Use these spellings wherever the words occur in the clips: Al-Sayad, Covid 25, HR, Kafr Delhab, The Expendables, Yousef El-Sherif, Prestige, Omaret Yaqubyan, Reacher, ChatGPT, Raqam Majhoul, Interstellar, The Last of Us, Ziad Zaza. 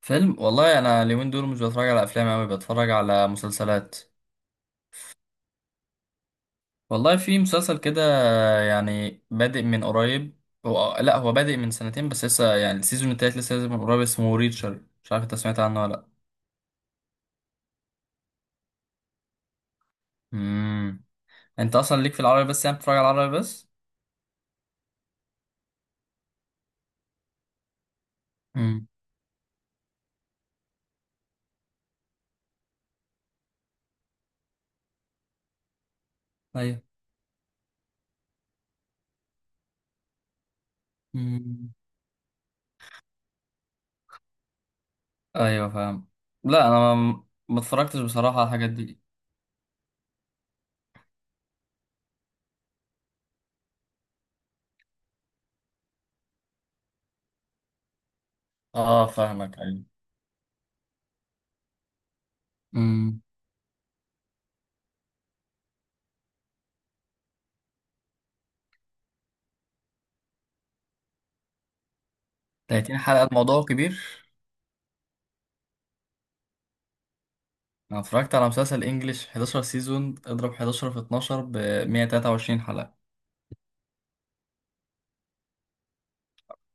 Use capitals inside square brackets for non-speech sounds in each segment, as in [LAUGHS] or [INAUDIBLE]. فيلم، والله انا اليومين دول مش بتفرج على افلام اوي، بتفرج على مسلسلات. والله في مسلسل كده يعني بادئ من قريب. هو لا هو بادئ من سنتين، بس لسه يعني السيزون التالت لسه نازل من قريب. اسمه ريتشر، مش عارف انت سمعت عنه ولا لا؟ امم. انت اصلا ليك في العربي بس، يعني بتتفرج على العربي بس؟ امم. ايوه. امم. ايوه، فاهم. لا، انا ما اتفرجتش بصراحة على الحاجات دي. اه، فاهمك، ايوه. امم. 30 حلقة الموضوع كبير. انا اتفرجت على مسلسل انجليش 11 سيزون، اضرب 11 في 12 ب 123 حلقة.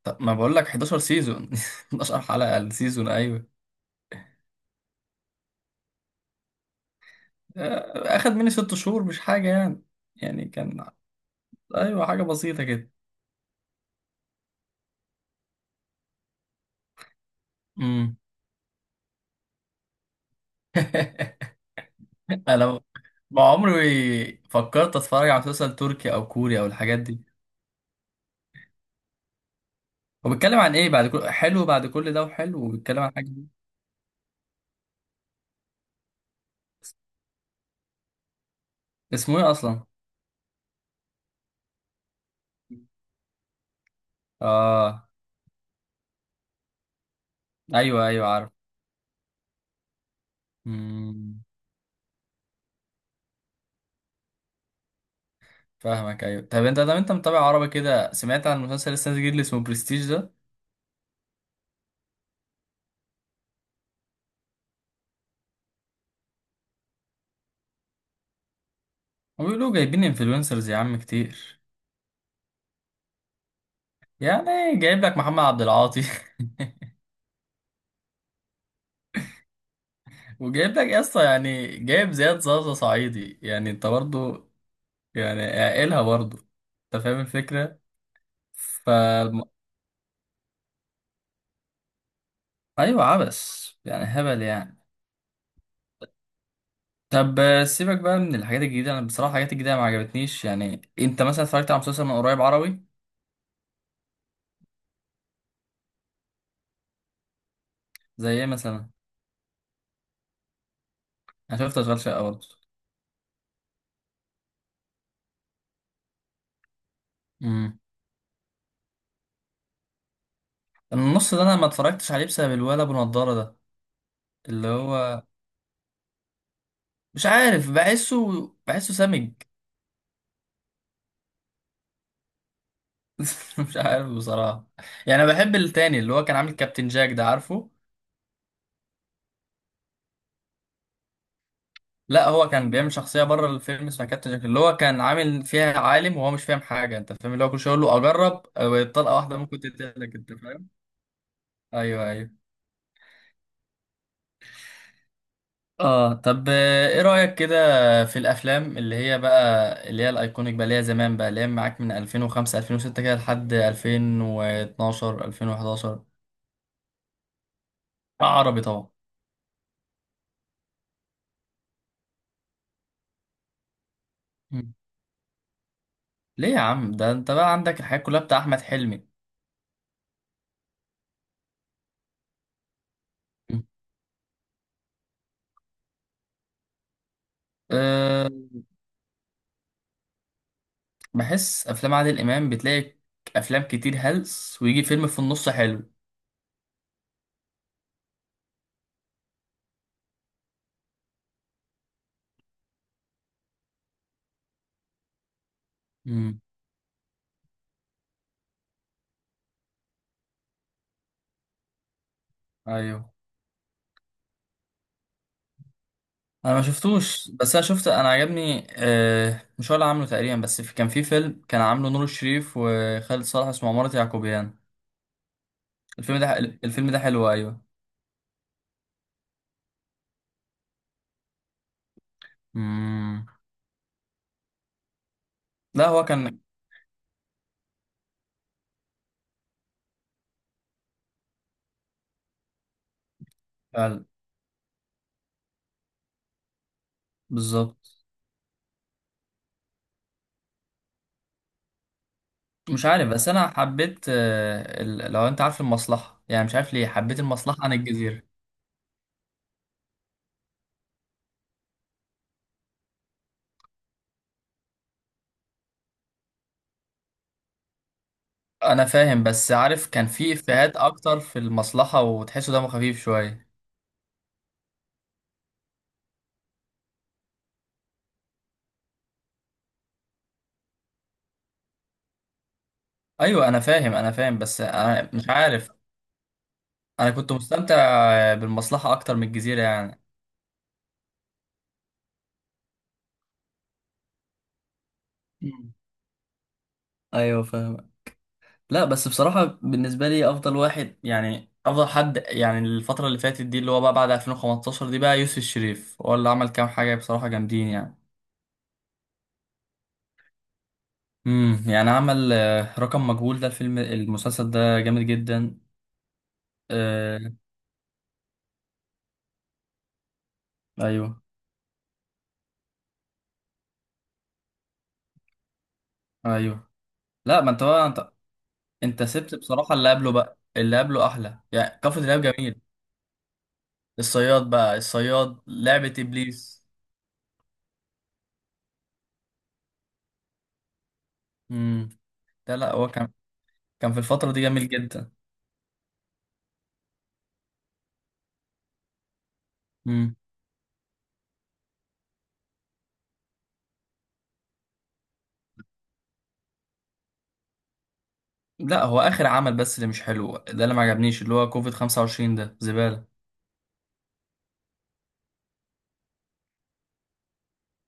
طب ما بقول لك 11 سيزون [LAUGHS] 12 حلقة السيزون، ايوه. آه، اخد مني 6 شهور، مش حاجة يعني. يعني كان، ايوه، حاجة بسيطة كده. امم. [LAUGHS] انا ما عمري فكرت اتفرج على مسلسل تركي او كوري او الحاجات دي. هو بيتكلم عن ايه؟ بعد كل حلو، بعد كل ده وحلو، وبيتكلم عن حاجة. اسمه ايه اصلا؟ اه، ايوه ايوه، عارف. فاهمك ايوه. طب انت متابع عربي كده، سمعت عن مسلسل لسه نازل جديد اللي اسمه برستيج ده؟ وبيقولوا جايبين انفلونسرز يا عم كتير. يعني جايب لك محمد عبد العاطي. [LAUGHS] وجايب لك يا اسطى، يعني جايب زياد زازا صعيدي، يعني انت برضه يعني عاقلها برضه. انت فاهم الفكره؟ ف ايوه، عبس يعني، هبل يعني. طب، سيبك بقى من الحاجات الجديده. انا بصراحه الحاجات الجديده ما عجبتنيش. يعني انت مثلا اتفرجت على مسلسل من قريب عربي؟ زي ايه مثلا؟ انا شفت اشغال شقه برضه. النص ده انا ما اتفرجتش عليه بسبب الولد ابو نضاره ده، اللي هو مش عارف، بحسه سمج. [LAUGHS] مش عارف بصراحه. يعني انا بحب التاني اللي هو كان عامل كابتن جاك ده، عارفه؟ لا، هو كان بيعمل شخصيه بره الفيلم اسمها كابتن جاك، اللي هو كان عامل فيها عالم وهو مش فاهم حاجه، انت فاهم؟ اللي هو كل شويه يقول له اجرب، أو طلقه واحده ممكن تقتلك، انت فاهم؟ ايوه ايوه. اه، طب، ايه رأيك كده في الافلام اللي هي بقى اللي هي الايكونيك بقى، اللي هي زمان بقى، اللي هي معاك من 2005 2006 كده لحد 2012 2011؟ عربي طبعا. مم. ليه يا عم؟ ده انت بقى عندك الحاجات كلها بتاع احمد حلمي. مم. أه. بحس افلام عادل امام بتلاقي افلام كتير هلس ويجي فيلم في النص حلو. مم. ايوه، انا ما شفتوش. بس انا شفت، انا عجبني، مش هو اللي عامله تقريبا، بس كان في فيلم كان عامله نور الشريف وخالد صالح اسمه عمارة يعقوبيان. الفيلم ده حلو، ايوه. مم. لا هو كان. فعلا، بالظبط. مش عارف، بس انا حبيت لو انت عارف المصلحة، يعني مش عارف ليه حبيت المصلحة عن الجزيرة. انا فاهم، بس عارف كان في افيهات اكتر في المصلحة، وتحسه دمه خفيف شوية. ايوه انا فاهم، بس انا مش عارف. انا كنت مستمتع بالمصلحة اكتر من الجزيرة يعني. مم. ايوه فاهم. لا، بس بصراحه بالنسبه لي افضل واحد، يعني افضل حد يعني الفتره اللي فاتت دي اللي هو بقى بعد 2015 دي، بقى يوسف الشريف هو اللي عمل كام حاجه بصراحه جامدين يعني. يعني عمل رقم مجهول ده، المسلسل ده جامد جدا. آه، ايوه ايوه. لا، ما انت بقى انت، انت سبت بصراحه اللي قبله، بقى اللي قبله احلى يعني، كفر دلهاب جميل. الصياد بقى، الصياد، لعبه ابليس. لا لا، هو كان في الفترة دي جميل جدا. مم. لا، هو آخر عمل بس اللي مش حلو، ده اللي ما عجبنيش، اللي هو كوفيد 25 ده زبالة.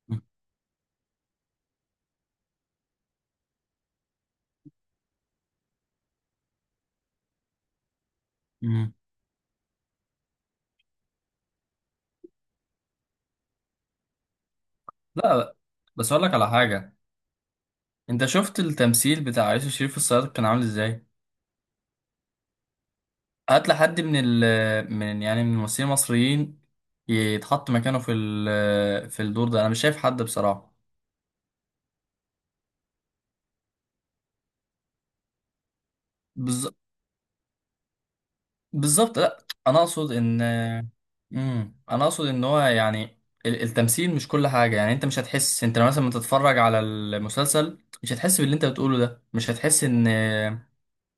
مم. مم. لا، بس أقول لك على حاجة. أنت شفت التمثيل بتاع يوسف شريف في الصياد كان عامل إزاي؟ هات لحد من ال من يعني من الممثلين المصريين يتحط مكانه في الدور ده، أنا مش شايف حد بصراحة. بز... بالظبط، لا، انا اقصد ان، انا اقصد ان هو يعني التمثيل مش كل حاجه. يعني انت مش هتحس، انت لما تتفرج على المسلسل مش هتحس باللي انت بتقوله ده، مش هتحس ان،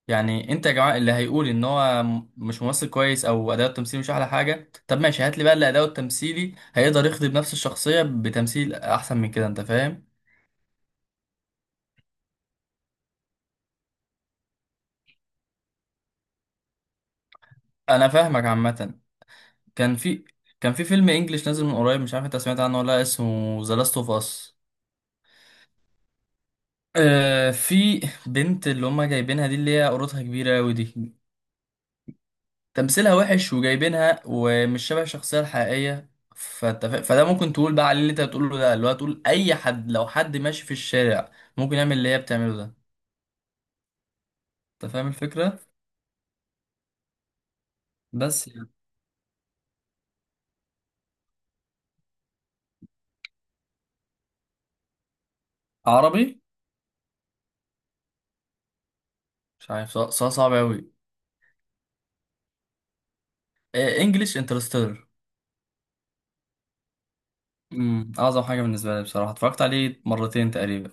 يعني انت يا جماعه اللي هيقول ان هو مش ممثل كويس او اداؤه التمثيلي مش احلى حاجه، طب ماشي، هات لي بقى اللي اداؤه التمثيلي هيقدر يخدم نفس الشخصيه بتمثيل احسن من كده، انت فاهم؟ انا فاهمك عامه. كان في كان في فيلم انجليش نازل من قريب، مش عارف انت سمعت عنه ولا لأ، اسمه ذا لاست اوف اس. آه، في بنت اللي هما جايبينها دي، اللي هي قرطها كبيرة أوي دي، تمثيلها وحش وجايبينها ومش شبه الشخصية الحقيقية، فده ممكن تقول بقى عليه اللي انت بتقوله ده، اللي هو تقول أي حد لو حد ماشي في الشارع ممكن يعمل اللي هي بتعمله ده. أنت فاهم الفكرة؟ بس يعني. عربي. مش عارف، سؤال صعب أوي. آه، إنجليش، انترستيلر. أعظم حاجة بالنسبة لي بصراحة، اتفرجت عليه مرتين تقريبا.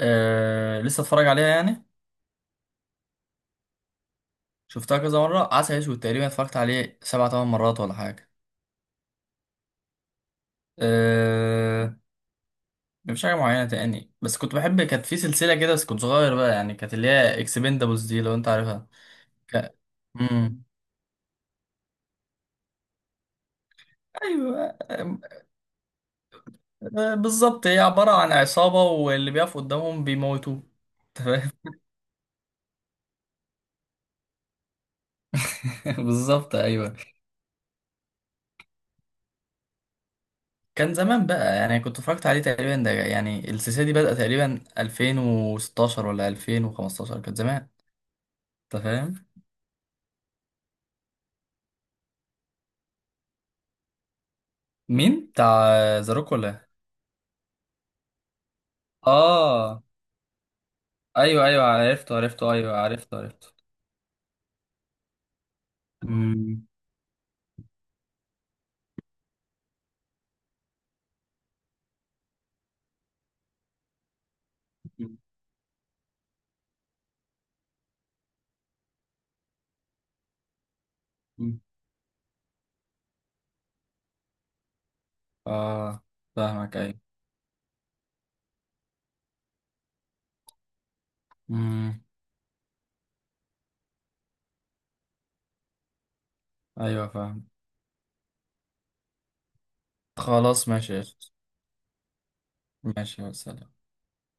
آه، لسه اتفرج عليها يعني. شفتها كذا مرة. عسل أسود تقريبا اتفرجت عليه سبع تمن مرات ولا حاجة. أه... مش حاجة معينة تاني، بس كنت بحب، كانت في سلسلة كده بس كنت صغير بقى يعني، كانت اللي هي اكسبندابلز دي، لو انت عارفها. ك... مم. ايوه، آه، بالظبط، هي عبارة عن عصابة واللي بيقف قدامهم بيموتوه. أنت فاهم؟ [LAUGHS] بالظبط ايوه. كان زمان بقى يعني، كنت اتفرجت عليه تقريبا، ده يعني السلسله دي بدأت تقريبا 2016 ولا 2015، كانت زمان. انت فاهم. مين بتاع ذا روك ولا إيه؟ اه ايوه ايوه، عرفته عرفته، ايوه عرفته عرفته. مم. مم. اه، فاهمك ايوه. مم. ايوه فاهم. خلاص، ماشي يا أخي. ماشي يا سلام.